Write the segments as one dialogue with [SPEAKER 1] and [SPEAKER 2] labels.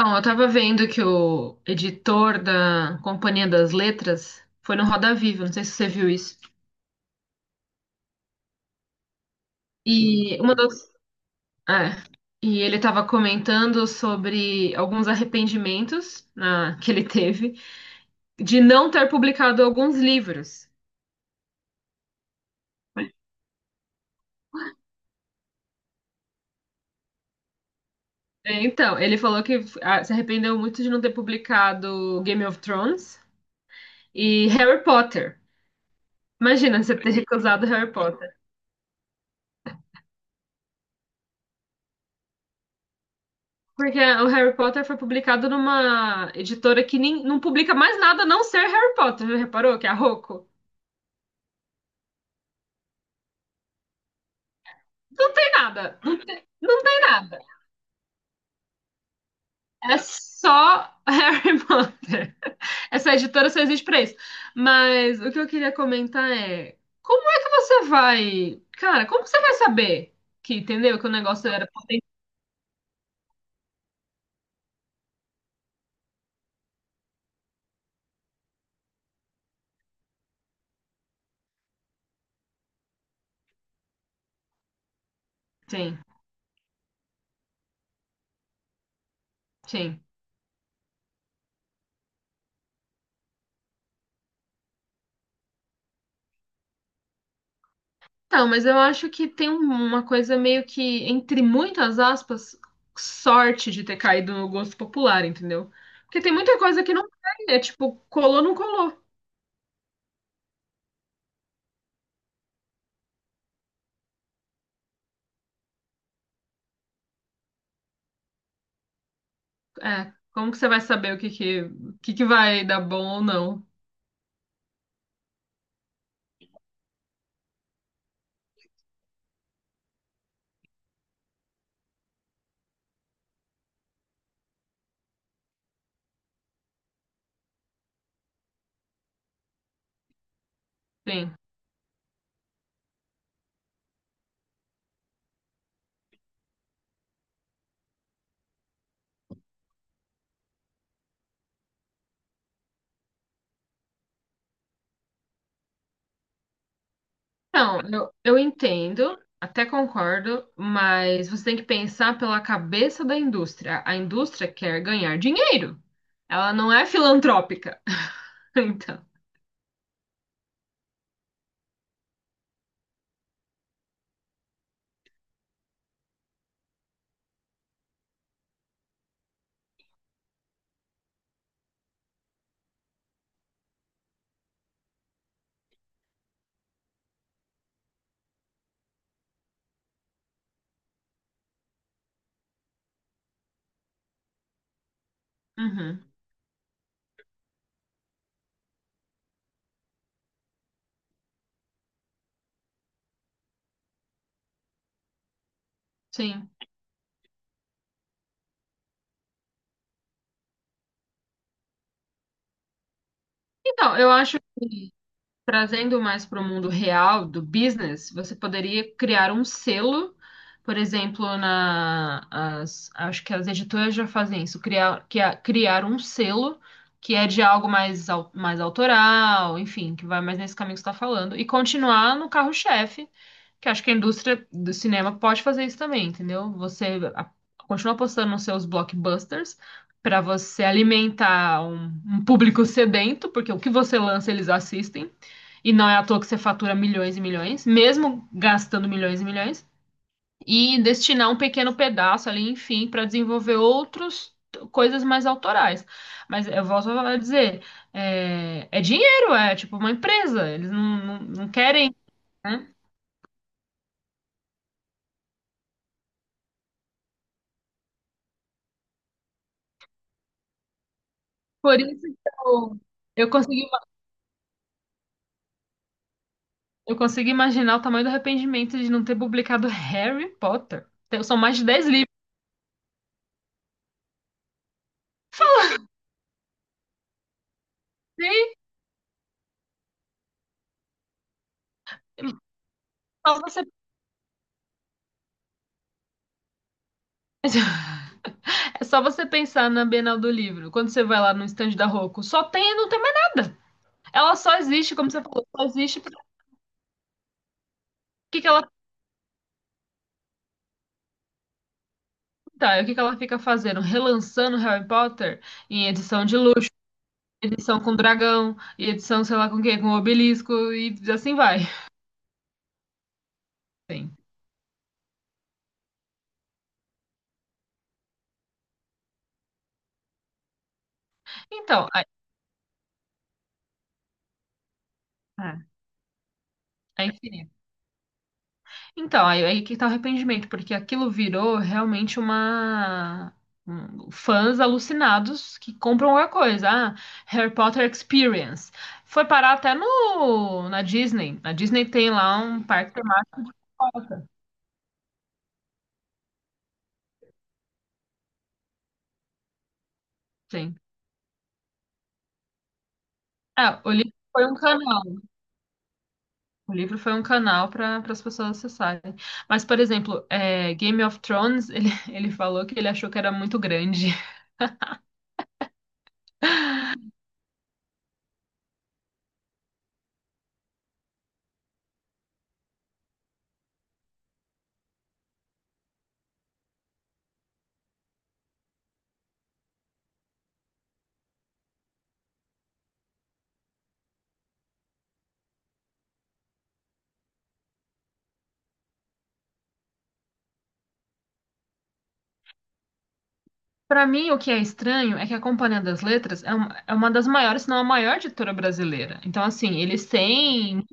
[SPEAKER 1] Bom, eu tava vendo que o editor da Companhia das Letras foi no Roda Viva, não sei se você viu isso. E uma das, é, e ele tava comentando sobre alguns arrependimentos que ele teve de não ter publicado alguns livros. É, então, ele falou que se arrependeu muito de não ter publicado Game of Thrones e Harry Potter. Imagina você ter recusado Harry Potter. Porque o Harry Potter foi publicado numa editora que nem, não publica mais nada a não ser Harry Potter. Já reparou que é a Rocco? Não tem nada. Não tem nada. É só Harry Potter. Essa editora só existe pra isso. Mas o que eu queria comentar é: como é que você vai. Cara, como você vai saber que, entendeu? Que o negócio era. Sim, sim. Então, mas eu acho que tem uma coisa meio que, entre muitas aspas, sorte de ter caído no gosto popular, entendeu? Porque tem muita coisa que não tem, é tipo, colou, não colou. É, como que você vai saber o que que vai dar bom ou não? Sim. Não, eu entendo, até concordo, mas você tem que pensar pela cabeça da indústria. A indústria quer ganhar dinheiro, ela não é filantrópica. Então. Uhum, sim. Então, eu acho, trazendo mais para o mundo real do business, você poderia criar um selo, por exemplo, acho que as editoras já fazem isso, criar, criar um selo que é de algo mais, mais autoral, enfim, que vai mais nesse caminho que você está falando, e continuar no carro-chefe, que acho que a indústria do cinema pode fazer isso também, entendeu? Continua postando nos seus blockbusters para você alimentar um público sedento, porque o que você lança eles assistem. E não é à toa que você fatura milhões e milhões, mesmo gastando milhões e milhões, e destinar um pequeno pedaço ali, enfim, para desenvolver outros coisas mais autorais. Mas eu volto a dizer, é, é dinheiro, é tipo uma empresa, eles não querem, né? Por isso que eu, eu consegui, eu consegui imaginar o tamanho do arrependimento de não ter publicado Harry Potter. São mais de 10 livros. Só você. É só você pensar na Bienal do Livro, quando você vai lá no estande da Rocco, só tem e não tem mais nada. Ela só existe, como você falou, só existe para o que que ela tá, o que que ela fica fazendo, relançando Harry Potter em edição de luxo, edição com dragão, e edição sei lá com o quê, com obelisco e assim vai. Sim. Então, a infinita. Então, aí que tá o arrependimento, porque aquilo virou realmente uma. Fãs alucinados que compram qualquer coisa. Ah, Harry Potter Experience. Foi parar até no, na Disney. A Disney tem lá um parque temático. Sim. É, o livro foi um canal. O livro foi um canal para as pessoas acessarem. Mas, por exemplo, é, Game of Thrones, ele, ele falou que ele achou que era muito grande. Para mim, o que é estranho é que a Companhia das Letras é é uma das maiores, se não a maior editora brasileira. Então, assim, eles têm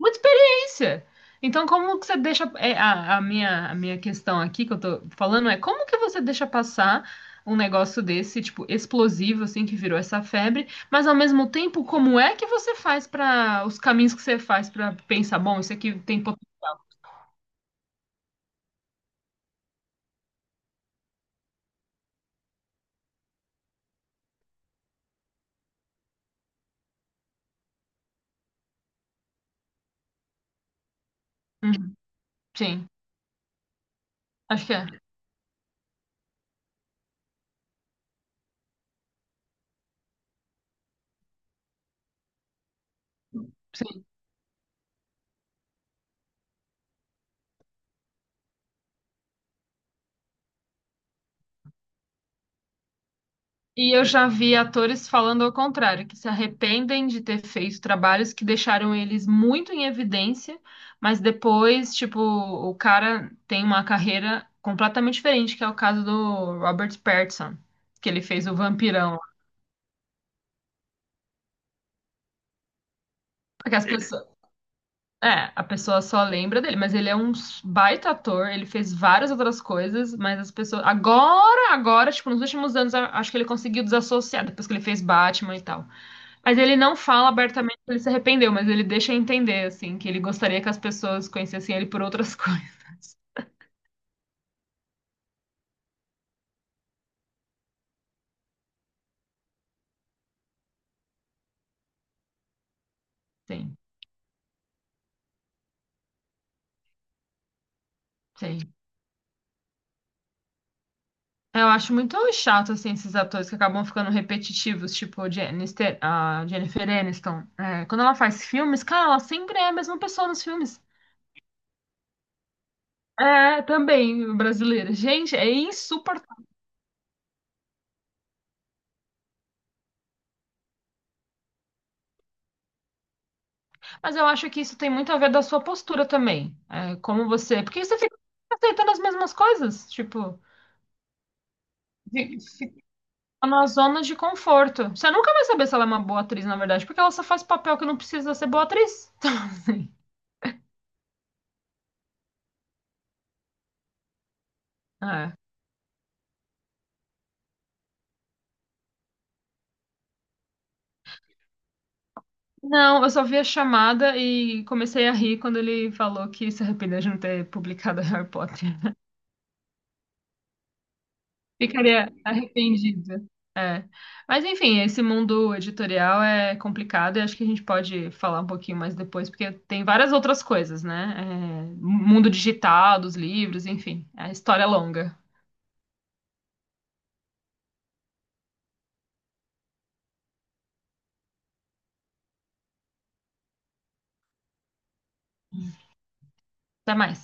[SPEAKER 1] muita experiência. Então, como que você deixa. É, a minha questão aqui que eu tô falando é como que você deixa passar um negócio desse, tipo, explosivo, assim, que virou essa febre, mas ao mesmo tempo, como é que você faz para os caminhos que você faz para pensar, bom, isso aqui tem. Pot- Uhum, sim, acho que é. E eu já vi atores falando ao contrário, que se arrependem de ter feito trabalhos que deixaram eles muito em evidência, mas depois, tipo, o cara tem uma carreira completamente diferente, que é o caso do Robert Pattinson, que ele fez o Vampirão. Porque as pessoas, é, a pessoa só lembra dele, mas ele é um baita ator, ele fez várias outras coisas, mas as pessoas agora, agora, tipo, nos últimos anos, a- acho que ele conseguiu desassociar depois que ele fez Batman e tal. Mas ele não fala abertamente que ele se arrependeu, mas ele deixa entender, assim, que ele gostaria que as pessoas conhecessem ele por outras coisas. Sim, sim. Eu acho muito chato, assim, esses atores que acabam ficando repetitivos, tipo Jennifer, a Jennifer Aniston. É, quando ela faz filmes, cara, ela sempre é a mesma pessoa nos filmes. É, também, brasileira. Gente, é insuportável. Mas eu acho que isso tem muito a ver da sua postura também. É, como você. Porque você fica aceitando as mesmas coisas, tipo. Tá na zona de conforto. Você nunca vai saber se ela é uma boa atriz, na verdade, porque ela só faz papel que não precisa ser boa atriz. Então, assim, é. Não, eu só vi a chamada e comecei a rir quando ele falou que se arrependeu de não ter publicado Harry Potter. Ficaria arrependida. É. Mas enfim, esse mundo editorial é complicado e acho que a gente pode falar um pouquinho mais depois, porque tem várias outras coisas, né? É, mundo digital, dos livros, enfim, é a história é longa. Até mais.